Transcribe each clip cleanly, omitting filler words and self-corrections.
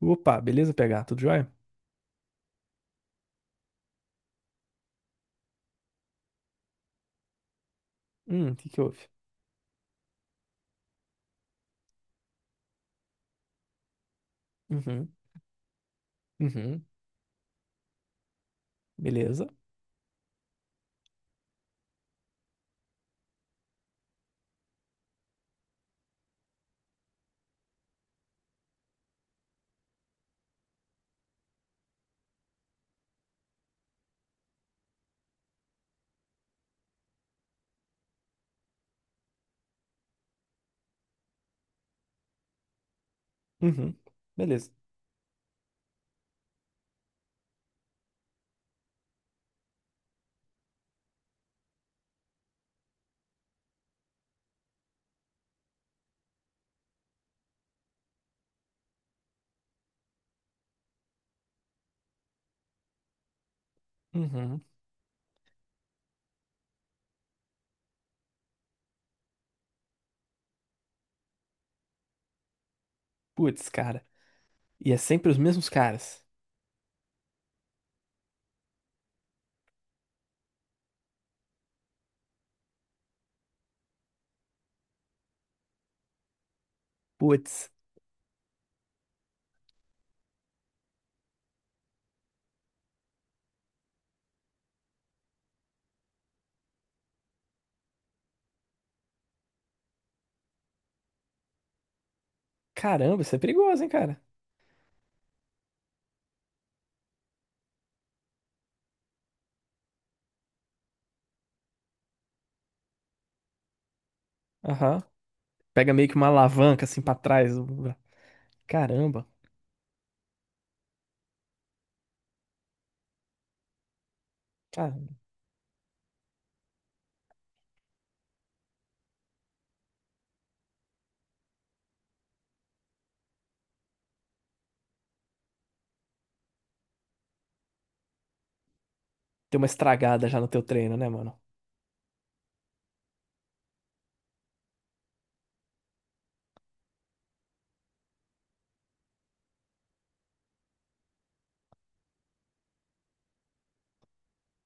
Opa, beleza, PH? Tudo jóia? O que que houve? Uhum, uhum, beleza. Uhum, beleza. Uhum. Putz, cara. E é sempre os mesmos caras. Putz, caramba, isso é perigoso, hein, cara? Aham. Pega meio que uma alavanca assim pra trás. Caramba, caramba. Tem uma estragada já no teu treino, né, mano?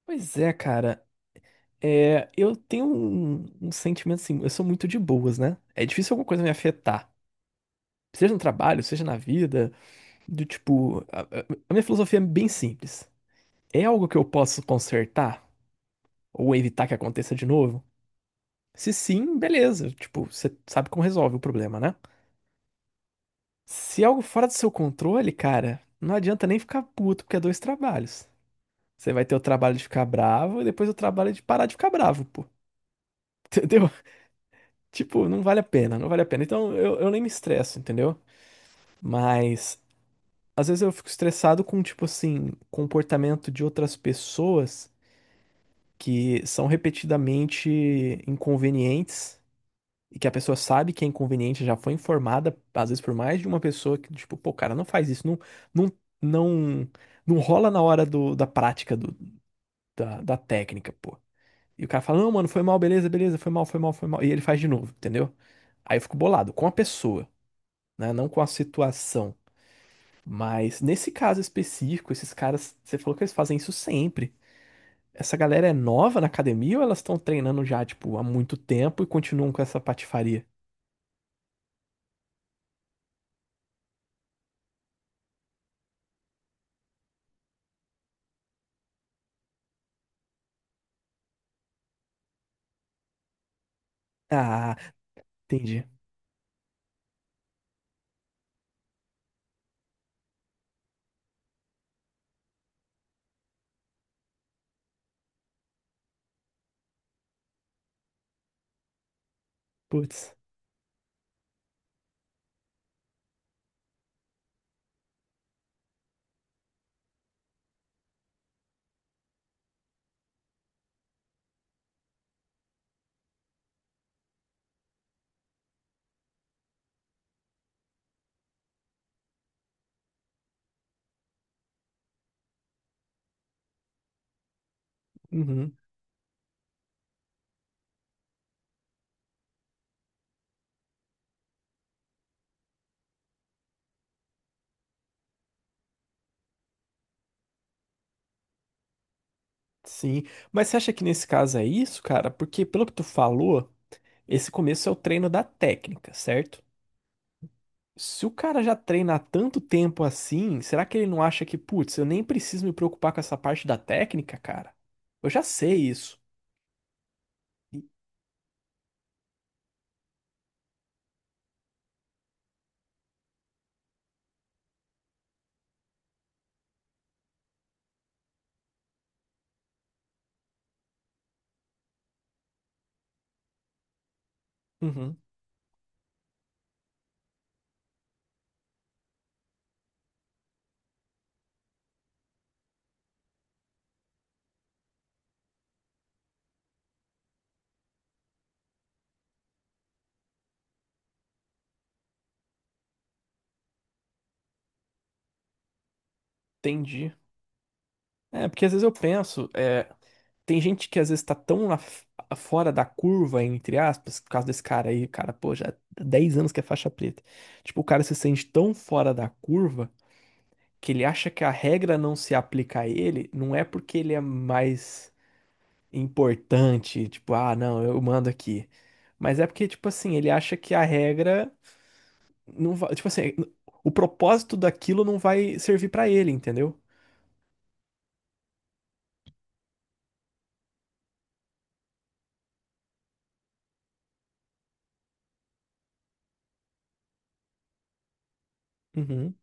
Pois é, cara. É, eu tenho um sentimento assim, eu sou muito de boas, né? É difícil alguma coisa me afetar. Seja no trabalho, seja na vida, do tipo. A minha filosofia é bem simples. É algo que eu posso consertar ou evitar que aconteça de novo? Se sim, beleza. Tipo, você sabe como resolve o problema, né? Se é algo fora do seu controle, cara, não adianta nem ficar puto, porque é dois trabalhos. Você vai ter o trabalho de ficar bravo e depois o trabalho de parar de ficar bravo, pô. Entendeu? Tipo, não vale a pena, não vale a pena. Então eu nem me estresso, entendeu? Mas às vezes eu fico estressado com, tipo assim, comportamento de outras pessoas que são repetidamente inconvenientes e que a pessoa sabe que é inconveniente, já foi informada, às vezes por mais de uma pessoa que, tipo, pô, cara, não faz isso, não, não, não, não rola na hora do, da prática do, da técnica, pô. E o cara fala, não, mano, foi mal, beleza, beleza, foi mal, foi mal, foi mal. E ele faz de novo, entendeu? Aí eu fico bolado com a pessoa, né? Não com a situação. Mas nesse caso específico, esses caras, você falou que eles fazem isso sempre. Essa galera é nova na academia ou elas estão treinando já, tipo, há muito tempo e continuam com essa patifaria? Ah, entendi. Putz. Uhum, sim. Mas você acha que nesse caso é isso, cara? Porque pelo que tu falou, esse começo é o treino da técnica, certo? Se o cara já treina há tanto tempo assim, será que ele não acha que, putz, eu nem preciso me preocupar com essa parte da técnica, cara? Eu já sei isso. Uhum, entendi. É, porque às vezes eu penso, é, tem gente que às vezes tá tão fora da curva, entre aspas, por causa desse cara aí, cara, pô, já há 10 anos que é faixa preta. Tipo, o cara se sente tão fora da curva, que ele acha que a regra não se aplica a ele, não é porque ele é mais importante, tipo, ah, não, eu mando aqui. Mas é porque, tipo assim, ele acha que a regra não vai, tipo assim, o propósito daquilo não vai servir pra ele, entendeu? Uhum,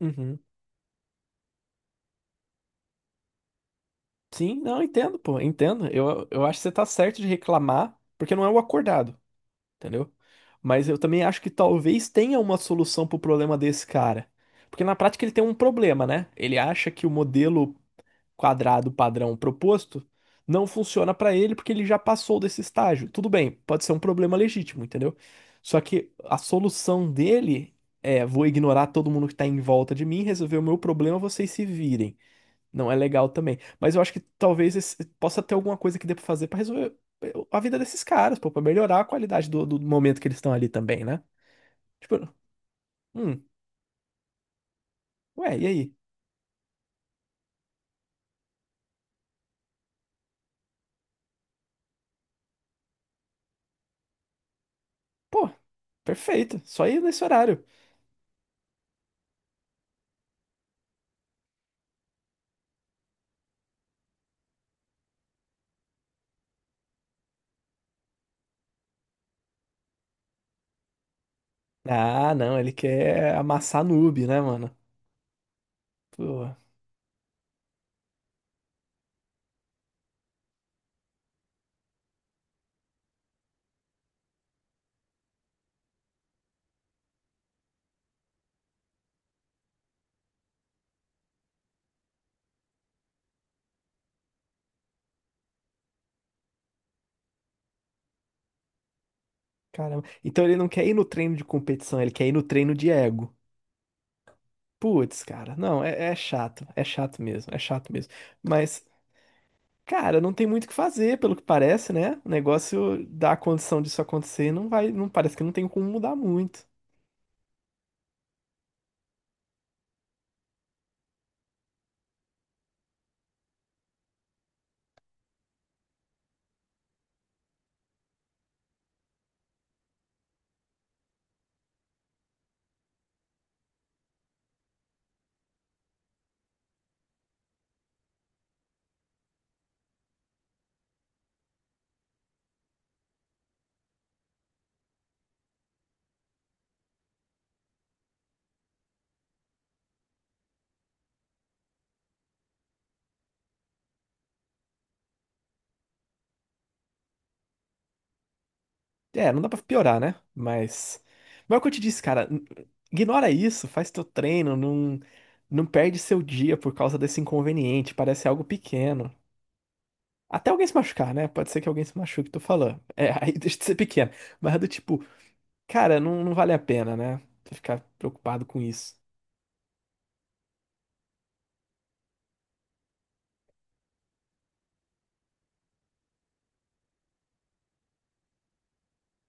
uhum. Sim, não, entendo, pô, entendo. Eu acho que você tá certo de reclamar, porque não é o acordado. Entendeu? Mas eu também acho que talvez tenha uma solução pro problema desse cara. Porque na prática ele tem um problema, né? Ele acha que o modelo quadrado padrão proposto não funciona pra ele porque ele já passou desse estágio. Tudo bem, pode ser um problema legítimo, entendeu? Só que a solução dele é: vou ignorar todo mundo que tá em volta de mim, resolver o meu problema, vocês se virem. Não é legal também. Mas eu acho que talvez possa ter alguma coisa que dê pra fazer pra resolver a vida desses caras, pô, pra melhorar a qualidade do, momento que eles estão ali também, né? Tipo, hum, ué, e aí? Pô, perfeito, só ir nesse horário. Ah, não, ele quer amassar noob, né, mano? Pô, caramba. Então ele não quer ir no treino de competição, ele quer ir no treino de ego. Putz, cara, não, é chato, é chato mesmo, é chato mesmo. Mas. Cara, não tem muito o que fazer, pelo que parece, né? O negócio da condição disso acontecer não vai, não parece que não tem como mudar muito. É, não dá pra piorar, né? Mas, é o que eu te disse, cara, ignora isso, faz teu treino, não perde seu dia por causa desse inconveniente, parece algo pequeno. Até alguém se machucar, né? Pode ser que alguém se machuque, tô falando. É, aí deixa de ser pequeno. Mas é do tipo, cara, não, não vale a pena, né? Ficar preocupado com isso.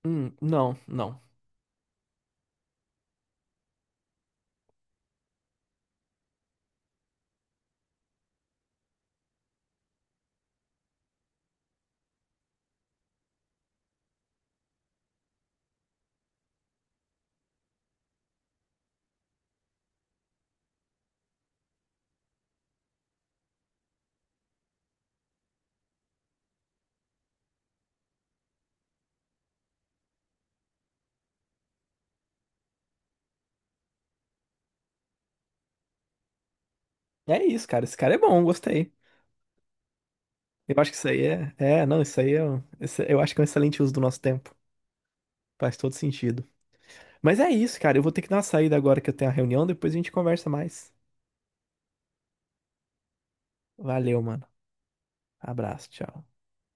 Não, não. É isso, cara. Esse cara é bom, gostei. Eu acho que isso aí é. É, não, isso aí é. Eu acho que é um excelente uso do nosso tempo. Faz todo sentido. Mas é isso, cara. Eu vou ter que dar uma saída agora que eu tenho a reunião. Depois a gente conversa mais. Valeu, mano. Abraço, tchau.